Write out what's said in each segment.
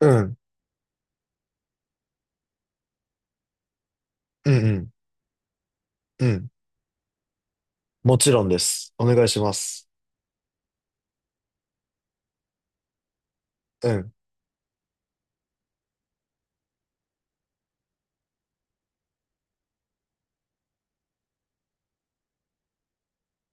うん、うん、うん、うん。もちろんです。お願いします。うん、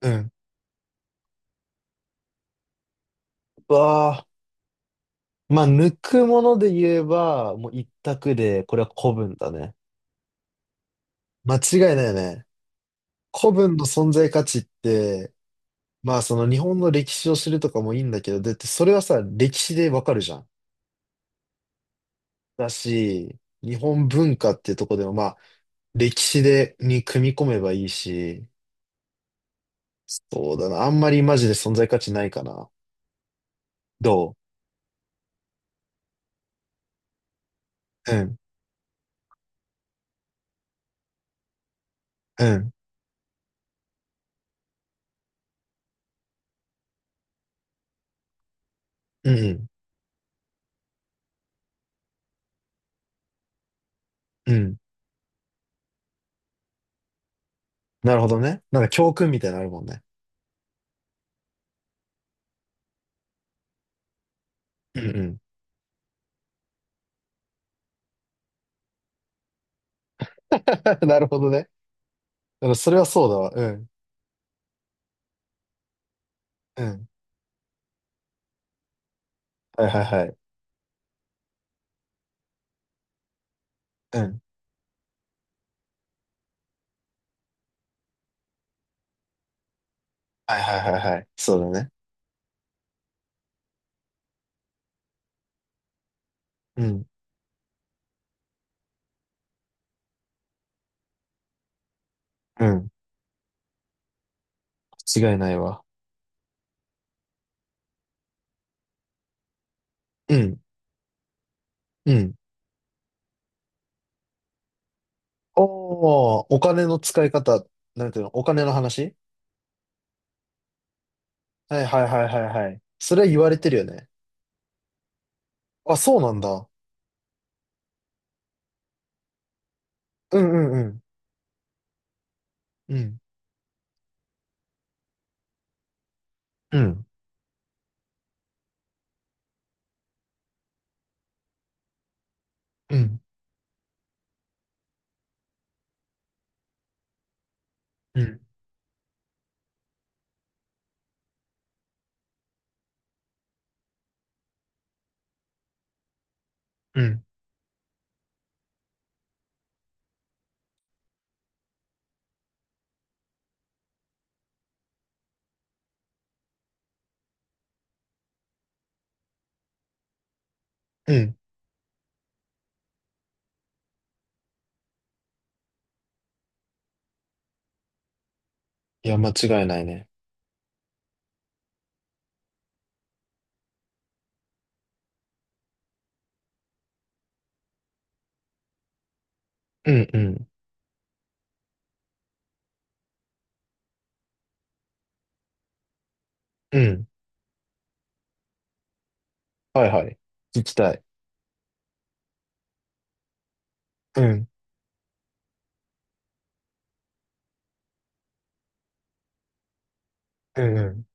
うん。わあ。まあ、抜くもので言えば、もう一択で、これは古文だね。間違いないね。古文の存在価値って、まあ、その日本の歴史を知るとかもいいんだけど、だってそれはさ、歴史でわかるじゃん。だし、日本文化っていうとこでも、まあ、歴史で、に組み込めばいいし、そうだな。あんまりマジで存在価値ないかな。どう、うん、うん、うん、うん。なるほどね。なんか教訓みたいなのあるもんね。うんうん。なるほどね。でもそれはそうだわ。うん。うん。はいはいはい。うん。はいはいはいはい。そうだね。うん。うん。間違いないわ。うん。うん。おー、お金の使い方、なんていうの、お金の話。はいはいはいはいはい。それは言われてるよね。あ、そうなんだ。うんうんうん。うん。うん。うん。うん。うん。うん。いや、間違いないね。うんうん。うん。はいはい。聞きたい。うん。うんうん。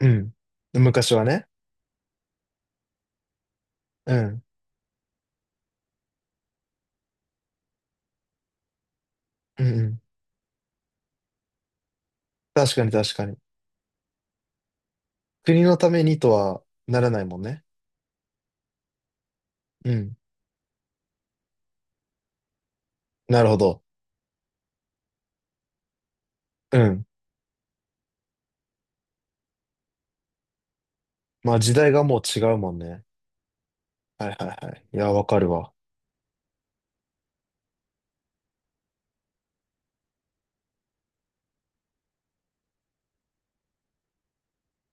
うん。昔はね。うん。うんうん。確かに確かに。国のためにとはならないもんね。うん。なるほど。うん。まあ時代がもう違うもんね。はいはいはい。いや、わかるわ。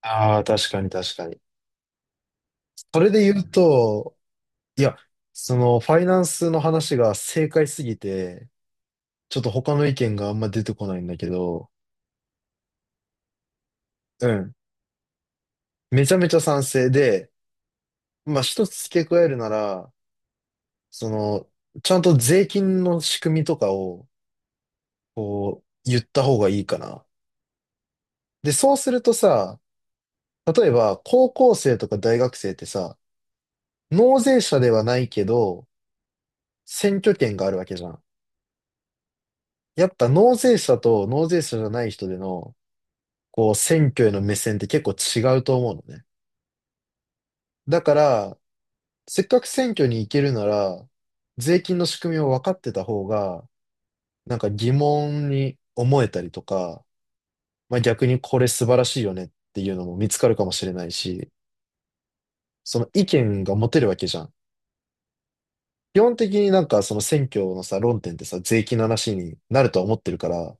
ああ、確かに確かに。それで言うと、いや、その、ファイナンスの話が正解すぎて、ちょっと他の意見があんま出てこないんだけど、うん。めちゃめちゃ賛成で、まあ一つ付け加えるなら、その、ちゃんと税金の仕組みとかを、こう、言った方がいいかな。で、そうするとさ、例えば、高校生とか大学生ってさ、納税者ではないけど、選挙権があるわけじゃん。やっぱ納税者と納税者じゃない人での、こう、選挙への目線って結構違うと思うのね。だから、せっかく選挙に行けるなら、税金の仕組みを分かってた方が、なんか疑問に思えたりとか、まあ逆にこれ素晴らしいよねっていうのも見つかるかもしれないし、その意見が持てるわけじゃん。基本的になんかその選挙のさ、論点ってさ、税金の話になるとは思ってるから、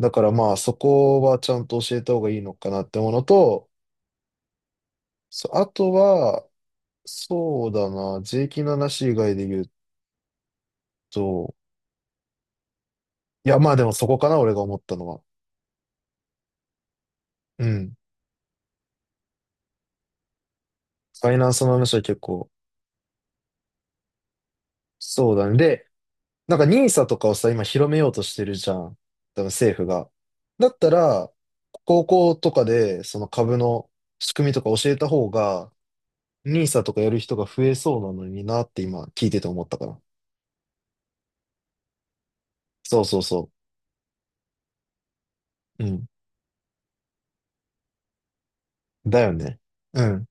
だからまあそこはちゃんと教えた方がいいのかなってものと、そう、あとは、そうだな、税金の話以外で言うと、いやまあでもそこかな、俺が思ったのは。うん。ファイナンスの話は結構、そうだね。で、なんかニーサとかをさ、今広めようとしてるじゃん。多分政府が。だったら、高校とかでその株の仕組みとか教えた方が、ニーサとかやる人が増えそうなのになって今聞いてて思ったから。そうそうそう。うん。だよね。うん。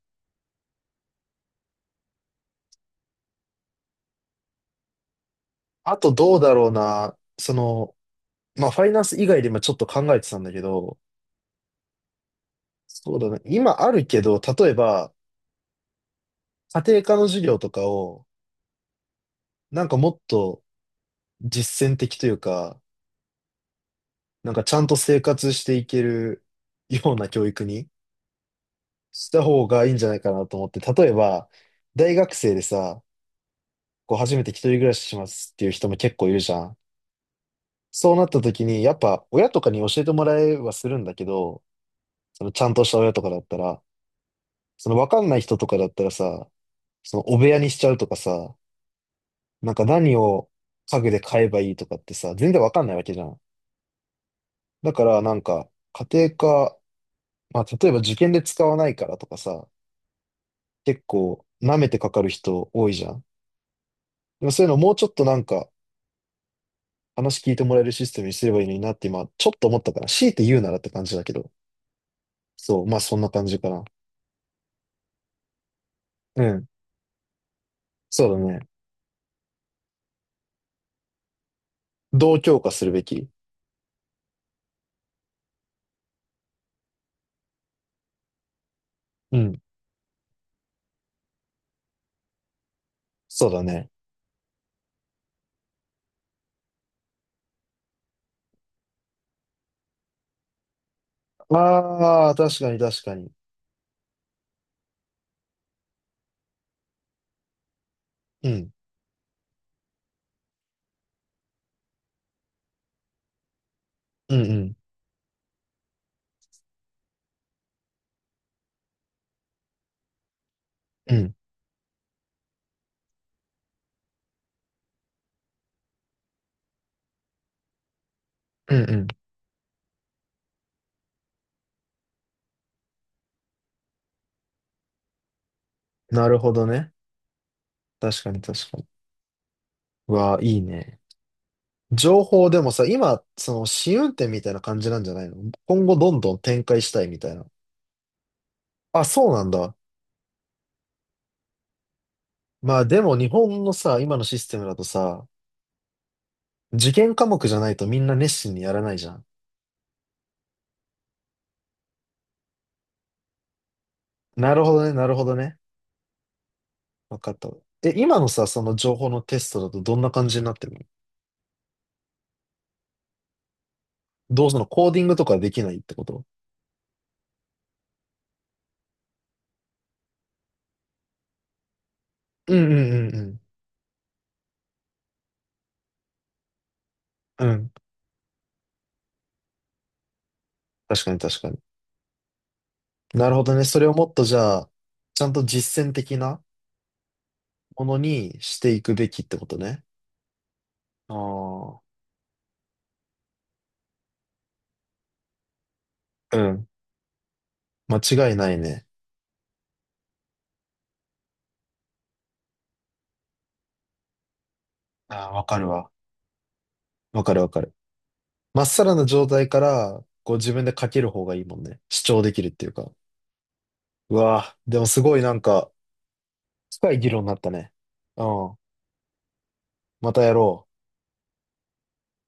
あとどうだろうな。その、まあファイナンス以外で今ちょっと考えてたんだけど、そうだね。今あるけど、例えば家庭科の授業とかを、なんかもっと実践的というか、なんかちゃんと生活していける ような教育にした方がいいんじゃないかなと思って、例えば、大学生でさ、こう初めて一人暮らししますっていう人も結構いるじゃん。そうなった時に、やっぱ親とかに教えてもらえはするんだけど、そのちゃんとした親とかだったら、そのわかんない人とかだったらさ、そのお部屋にしちゃうとかさ、なんか何を家具で買えばいいとかってさ、全然わかんないわけじゃん。だからなんか、家庭科、まあ例えば受験で使わないからとかさ、結構舐めてかかる人多いじゃん。でもそういうのもうちょっとなんか話聞いてもらえるシステムにすればいいのになって今ちょっと思ったから、強いて言うならって感じだけど。そう、まあそんな感じかな。うん。そうだね。どう強化するべき？うん。そうだね。ああ、確かに確かに。うん。うんうん。うん。うんうん。なるほどね。確かに確かに。うわあ、いいね。情報でもさ、今、その試運転みたいな感じなんじゃないの？今後どんどん展開したいみたいな。あ、そうなんだ。まあでも日本のさ、今のシステムだとさ、受験科目じゃないとみんな熱心にやらないじゃん。なるほどね、なるほどね。わかった。え、今のさ、その情報のテストだとどんな感じになってるの？どうそのコーディングとかできないってこと？うんうんうんうん。うん。確かに確かに。なるほどね。それをもっとじゃあ、ちゃんと実践的なものにしていくべきってことね。ああ。うん。間違いないね。ああ、わかるわ。わかるわかる。まっさらな状態から、こう自分で書ける方がいいもんね。主張できるっていうか。うわぁ、でもすごいなんか、深い議論になったね。うん。またやろう。